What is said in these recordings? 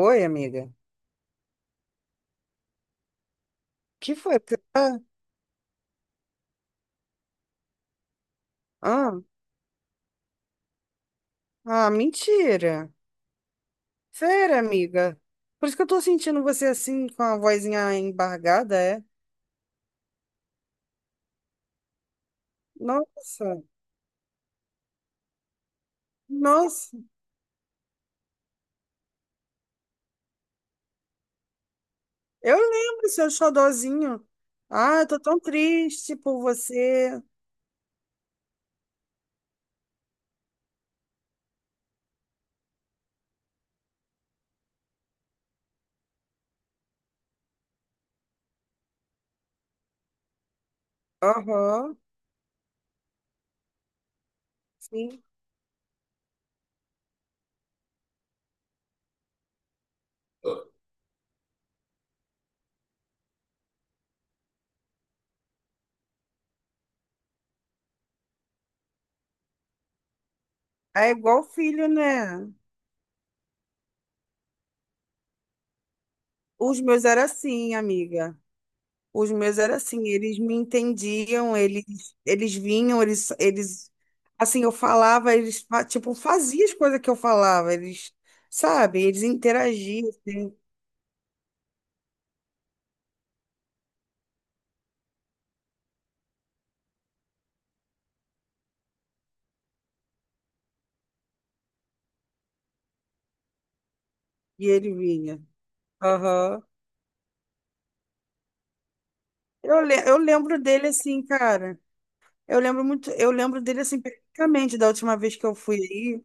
Oi, amiga. Que foi? Você tá- Ah, ah, mentira. Sério, amiga. Por isso que eu tô sentindo você assim, com a vozinha embargada, é? Nossa, nossa. Eu lembro seu xodozinho. Ah, eu tô tão triste por você. Aham, sim. É igual filho, né? Os meus eram assim, amiga. Os meus era assim, eles me entendiam, eles vinham, eles, assim, eu falava, eles, tipo, faziam as coisas que eu falava, eles, sabe, eles interagiam, assim, e ele vinha. Aham. Eu lembro dele assim, cara, eu lembro muito, eu lembro dele assim, perfeitamente, da última vez que eu fui aí.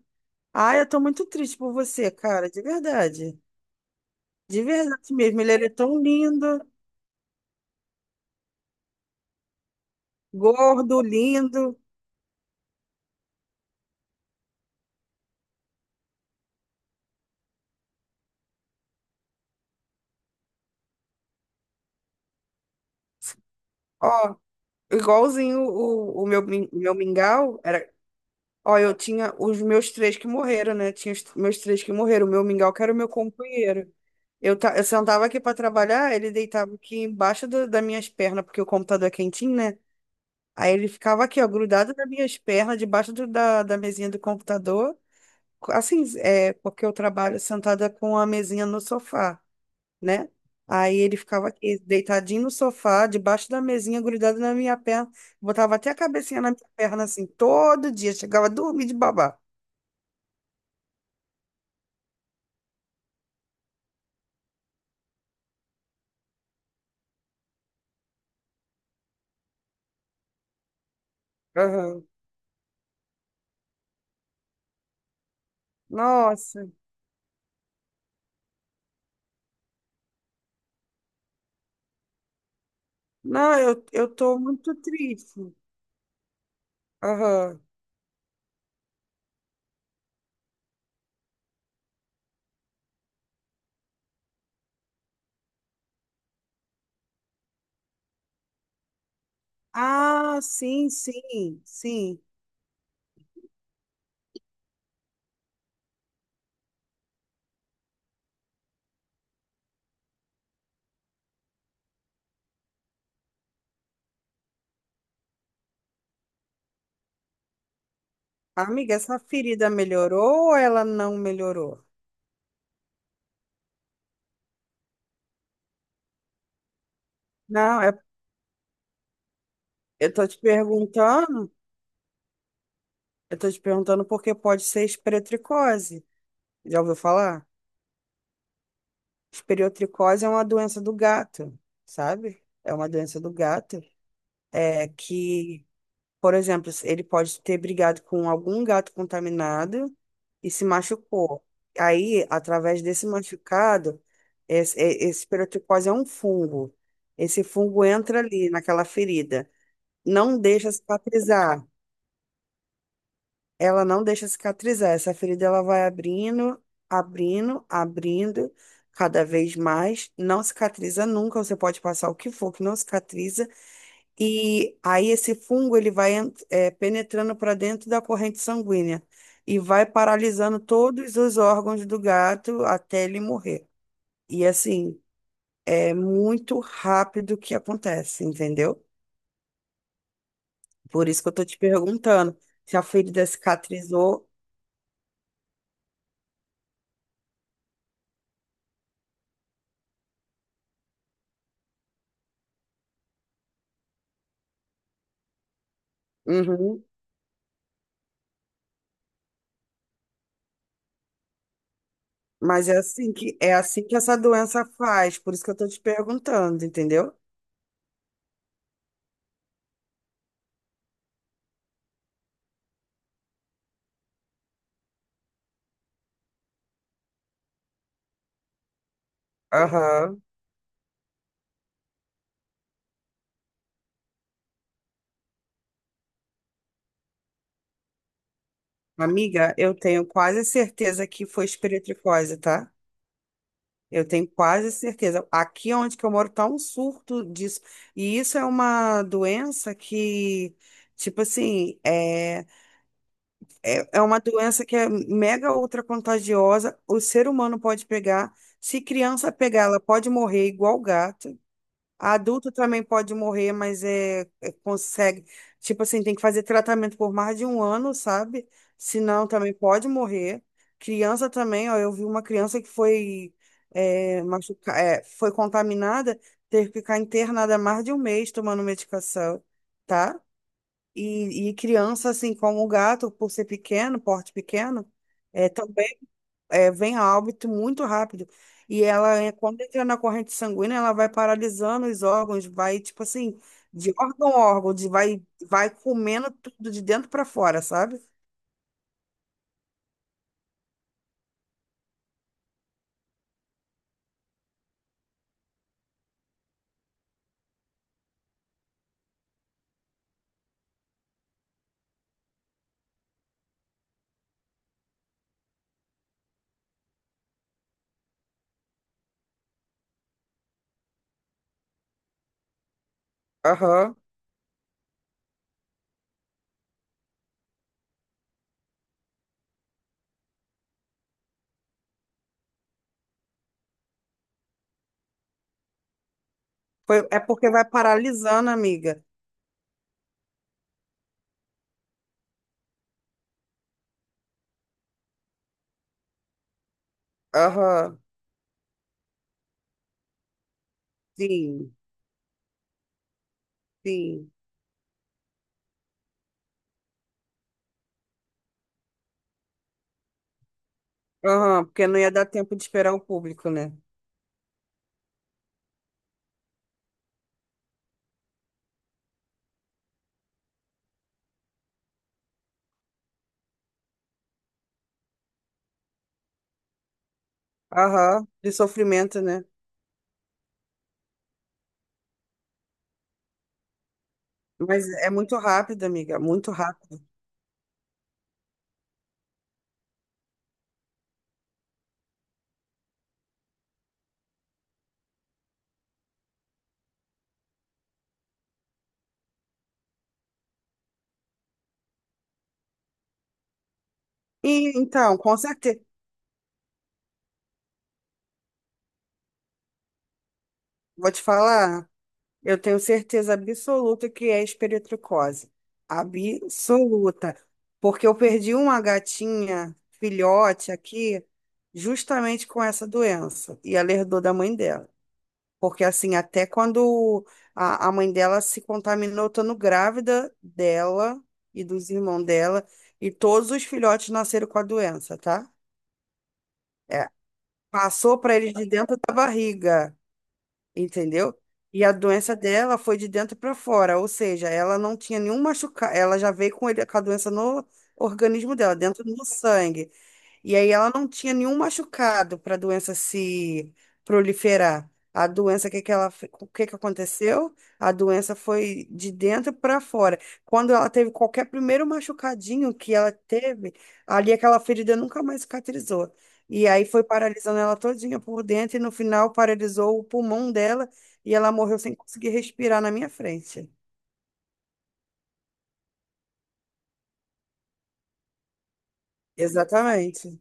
Ai, eu tô muito triste por você, cara, de verdade mesmo, ele era tão lindo, gordo, lindo, ó. Igualzinho o meu, meu mingau era. Ó, eu tinha os meus três que morreram, né? Tinha os meus três que morreram. O meu mingau que era o meu companheiro. Eu sentava aqui para trabalhar, ele deitava aqui embaixo das minhas pernas, porque o computador é quentinho, né? Aí ele ficava aqui, ó, grudado nas minhas pernas, debaixo da, da mesinha do computador. Assim, é, porque eu trabalho sentada com a mesinha no sofá, né? Aí ele ficava aqui, deitadinho no sofá, debaixo da mesinha, grudado na minha perna. Botava até a cabecinha na minha perna, assim, todo dia. Chegava a dormir de babar. Aham. Nossa. Não, eu tô muito triste. Aham. Ah, sim, sim, sim. Amiga, essa ferida melhorou ou ela não melhorou? Não, é- eu tô te perguntando, eu tô te perguntando porque pode ser esporotricose. Já ouviu falar? Esporotricose é uma doença do gato, sabe? É uma doença do gato, é que, por exemplo, ele pode ter brigado com algum gato contaminado e se machucou. Aí, através desse machucado, esse esporotricose é um fungo. Esse fungo entra ali naquela ferida. Não deixa cicatrizar. Ela não deixa cicatrizar. Essa ferida ela vai abrindo, abrindo, abrindo cada vez mais. Não cicatriza nunca. Você pode passar o que for que não cicatriza. E aí esse fungo ele vai penetrando para dentro da corrente sanguínea e vai paralisando todos os órgãos do gato até ele morrer. E assim, é muito rápido que acontece, entendeu? Por isso que eu tô te perguntando se a ferida cicatrizou. Uhum. Mas é assim que essa doença faz, por isso que eu tô te perguntando, entendeu? Aham. Amiga, eu tenho quase certeza que foi espiritricose, tá? Eu tenho quase certeza. Aqui onde que eu moro tá um surto disso. E isso é uma doença que, tipo assim, é uma doença que é mega ultra contagiosa. O ser humano pode pegar. Se criança pegar, ela pode morrer igual gato. Adulto também pode morrer, mas é- consegue. Tipo assim, tem que fazer tratamento por mais de um ano, sabe? Senão também pode morrer. Criança também, ó, eu vi uma criança que foi é, machuca, é, foi contaminada, teve que ficar internada mais de um mês tomando medicação, tá? E criança, assim como o gato, por ser pequeno, porte pequeno, é, também é, vem a óbito muito rápido. E ela, é, quando entra na corrente sanguínea, ela vai paralisando os órgãos, vai, tipo assim, de órgão a órgão, de, vai, vai comendo tudo de dentro para fora, sabe? Aham. Foi, é porque vai paralisando, amiga. Aham. Sim, sim. Aham, porque não ia dar tempo de esperar o público, né? Aham, de sofrimento, né? Mas é muito rápido, amiga, muito rápido. E então, com certeza, vou te falar. Eu tenho certeza absoluta que é esperitricose. Absoluta. Porque eu perdi uma gatinha, filhote aqui, justamente com essa doença. E ela herdou da mãe dela. Porque, assim, até quando a mãe dela se contaminou, estando grávida dela e dos irmãos dela, e todos os filhotes nasceram com a doença, tá? É. Passou para eles de dentro da barriga, entendeu? E a doença dela foi de dentro para fora, ou seja, ela não tinha nenhum machucado, ela já veio com ele, com a doença no organismo dela, dentro do sangue. E aí ela não tinha nenhum machucado para a doença se proliferar. A doença, que ela, o que que aconteceu? A doença foi de dentro para fora. Quando ela teve qualquer primeiro machucadinho que ela teve, ali aquela ferida nunca mais cicatrizou. E aí foi paralisando ela todinha por dentro e no final paralisou o pulmão dela e ela morreu sem conseguir respirar na minha frente. Exatamente.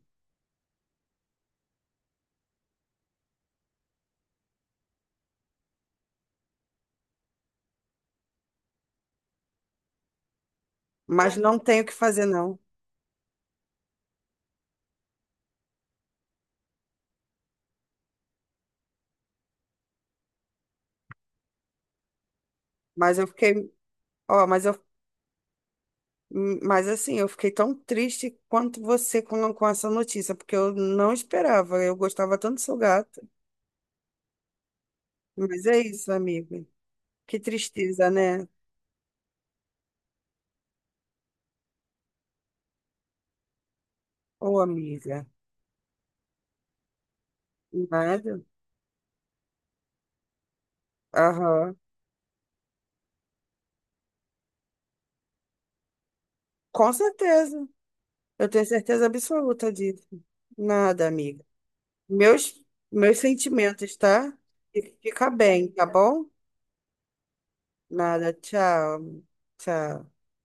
Mas não tenho o que fazer, não. Mas eu fiquei, ó, mas eu, hum, mas assim, eu fiquei tão triste quanto você com essa notícia, porque eu não esperava. Eu gostava tanto do seu gato. Mas é isso, amiga. Que tristeza, né? Ô, amiga. Nada. Aham. Com certeza. Eu tenho certeza absoluta disso. Nada, amiga. Meus, meus sentimentos, tá? E fica bem, tá bom? Nada. Tchau. Tchau.